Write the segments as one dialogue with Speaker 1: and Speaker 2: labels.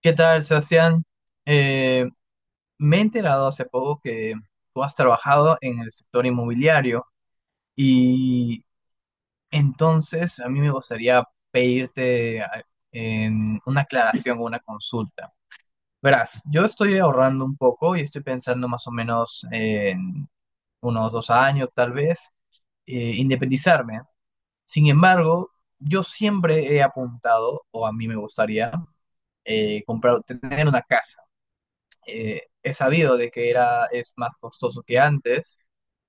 Speaker 1: ¿Qué tal, Sebastián? Eh, Me he enterado hace poco que tú has trabajado en el sector inmobiliario y entonces a mí me gustaría pedirte en una aclaración o una consulta. Verás, yo estoy ahorrando un poco y estoy pensando más o menos en unos dos años, tal vez, independizarme. Sin embargo, yo siempre he apuntado, o a mí me gustaría, comprar, tener una casa. He sabido de que era, es más costoso que antes,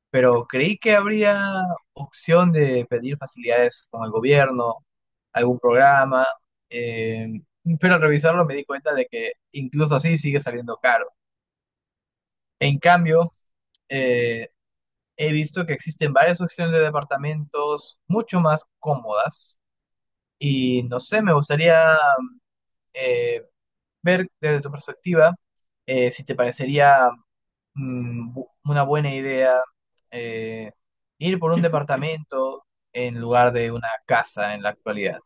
Speaker 1: pero creí que habría opción de pedir facilidades con el gobierno, algún programa, eh, pero al revisarlo me di cuenta de que incluso así sigue saliendo caro. En cambio, eh, he visto que existen varias opciones de departamentos mucho más cómodas y no sé, me gustaría eh, ver desde tu perspectiva, si te parecería una buena idea, eh, ir por un departamento en lugar de una casa en la actualidad.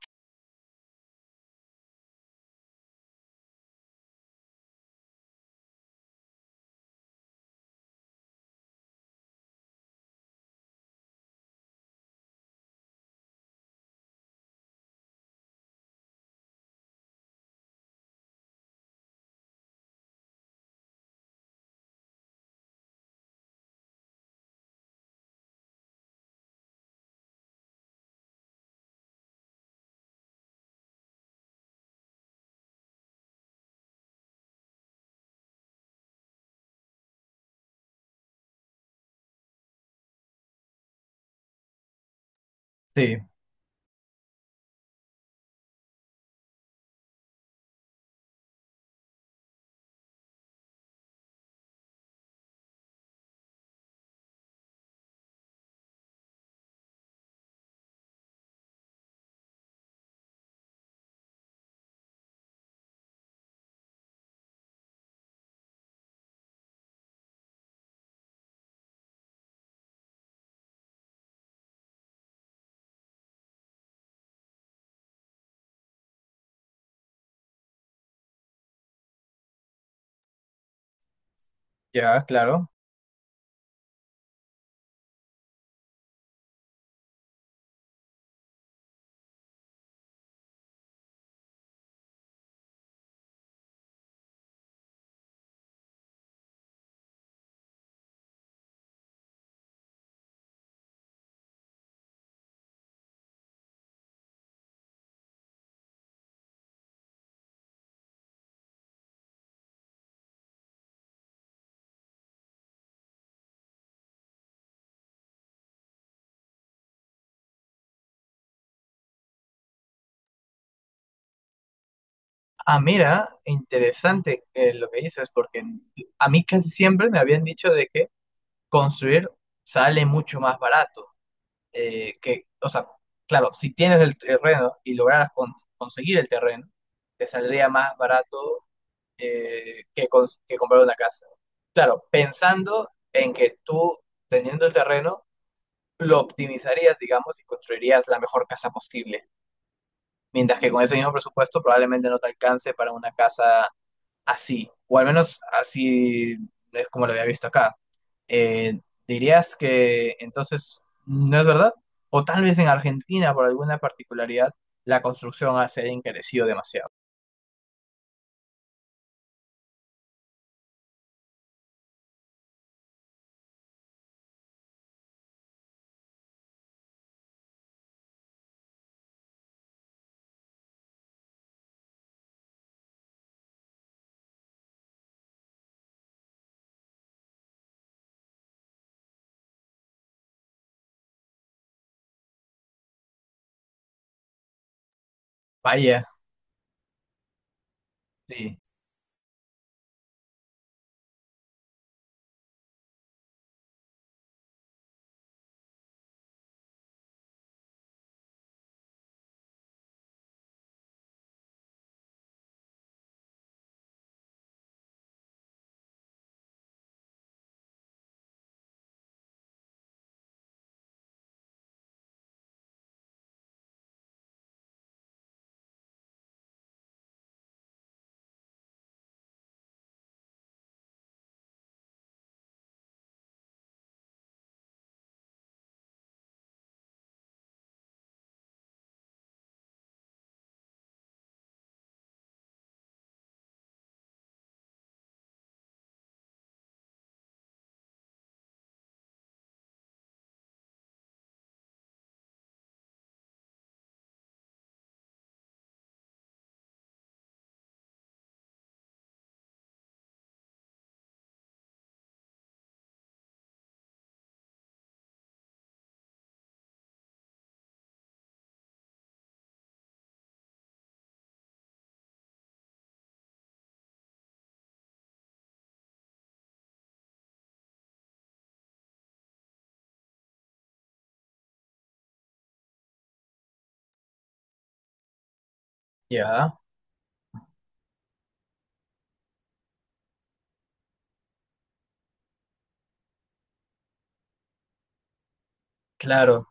Speaker 1: Sí, ya, claro. Ah, mira, interesante lo que dices, porque a mí casi siempre me habían dicho de que construir sale mucho más barato. O sea, claro, si tienes el terreno y lograras conseguir el terreno, te saldría más barato, que comprar una casa. Claro, pensando en que tú, teniendo el terreno, lo optimizarías, digamos, y construirías la mejor casa posible. Mientras que con ese mismo presupuesto probablemente no te alcance para una casa así, o al menos así es como lo había visto acá. Eh, Dirías que entonces no es verdad, o tal vez en Argentina, por alguna particularidad, la construcción se haya encarecido demasiado. Vaya, sí, ya, claro.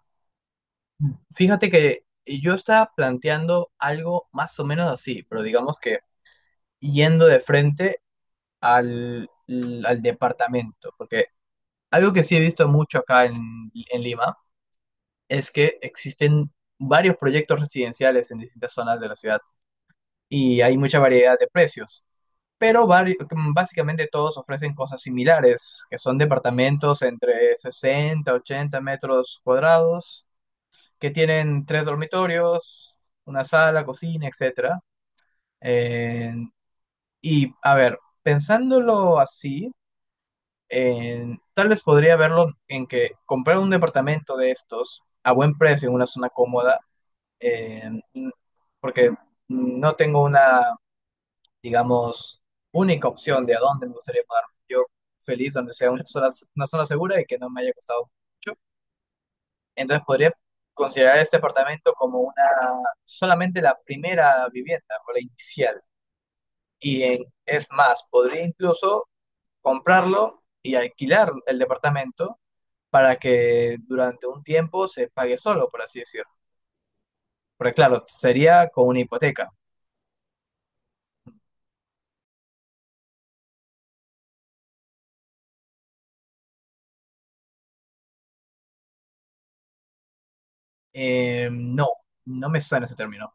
Speaker 1: Fíjate que yo estaba planteando algo más o menos así, pero digamos que yendo de frente al, al departamento, porque algo que sí he visto mucho acá en Lima es que existen varios proyectos residenciales en distintas zonas de la ciudad y hay mucha variedad de precios, pero básicamente todos ofrecen cosas similares, que son departamentos entre 60, 80 metros cuadrados que tienen tres dormitorios, una sala, cocina, etcétera. Eh, y a ver, pensándolo así, tal vez podría verlo en que comprar un departamento de estos a buen precio en una zona cómoda, eh, porque no tengo una, digamos, única opción de a dónde me gustaría mudarme. Yo feliz donde sea una zona segura y que no me haya costado mucho. Entonces podría considerar este apartamento como una, solamente la primera vivienda o la inicial. Y es más, podría incluso comprarlo y alquilar el departamento para que durante un tiempo se pague solo, por así decirlo. Porque claro, sería con una hipoteca. No, no me suena ese término.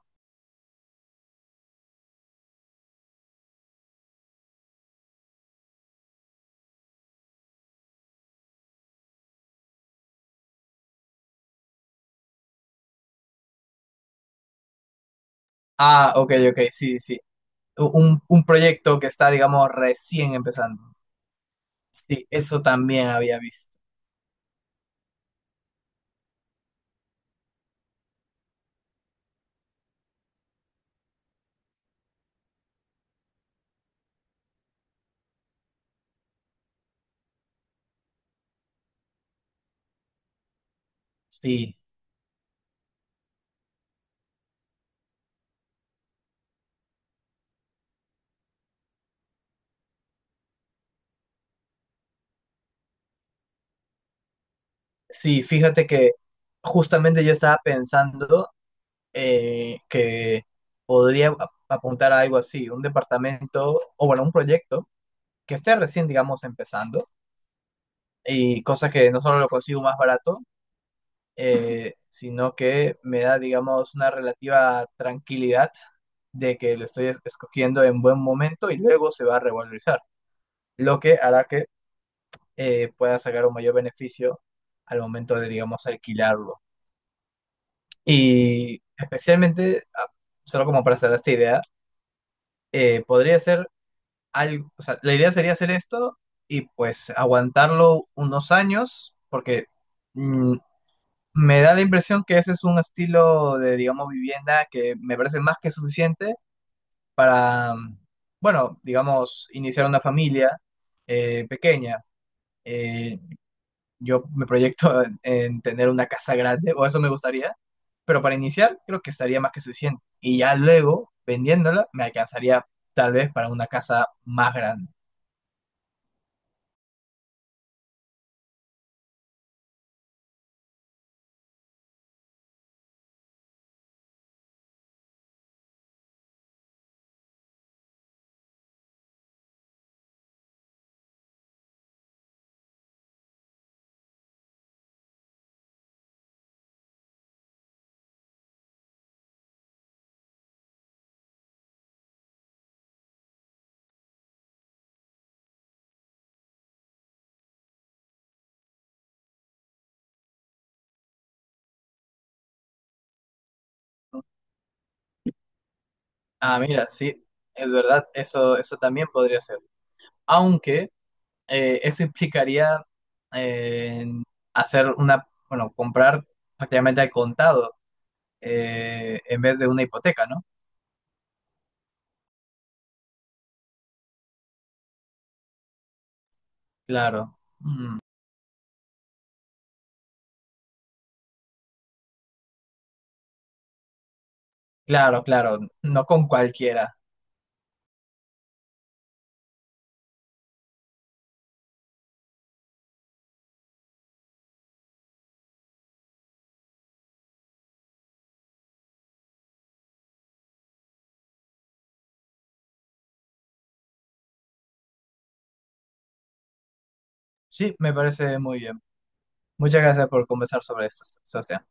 Speaker 1: Ah, ok, ok, sí, sí. Un proyecto que está, digamos, recién empezando. Sí, eso también había visto. Sí. Sí, fíjate que justamente yo estaba pensando, que podría apuntar a algo así, un departamento o bueno, un proyecto que esté recién, digamos, empezando y cosas que no solo lo consigo más barato, sino que me da, digamos, una relativa tranquilidad de que lo estoy escogiendo en buen momento y luego se va a revalorizar, lo que hará que pueda sacar un mayor beneficio al momento de, digamos, alquilarlo. Y especialmente, ah, solo como para hacer esta idea, podría ser algo, o sea, la idea sería hacer esto y pues aguantarlo unos años, porque mm, me da la impresión que ese es un estilo de, digamos, vivienda que me parece más que suficiente para, bueno, digamos, iniciar una familia, pequeña. Eh, yo me proyecto en tener una casa grande, o eso me gustaría, pero para iniciar creo que estaría más que suficiente. Y ya luego, vendiéndola, me alcanzaría tal vez para una casa más grande. Ah, mira, sí, es verdad, eso también podría ser. Aunque eso implicaría eh, hacer una, bueno, comprar prácticamente al contado, en vez de una hipoteca, ¿no? Claro, mm, claro, claro, no con cualquiera. Sí, me parece muy bien. Muchas gracias por conversar sobre esto, Sebastián.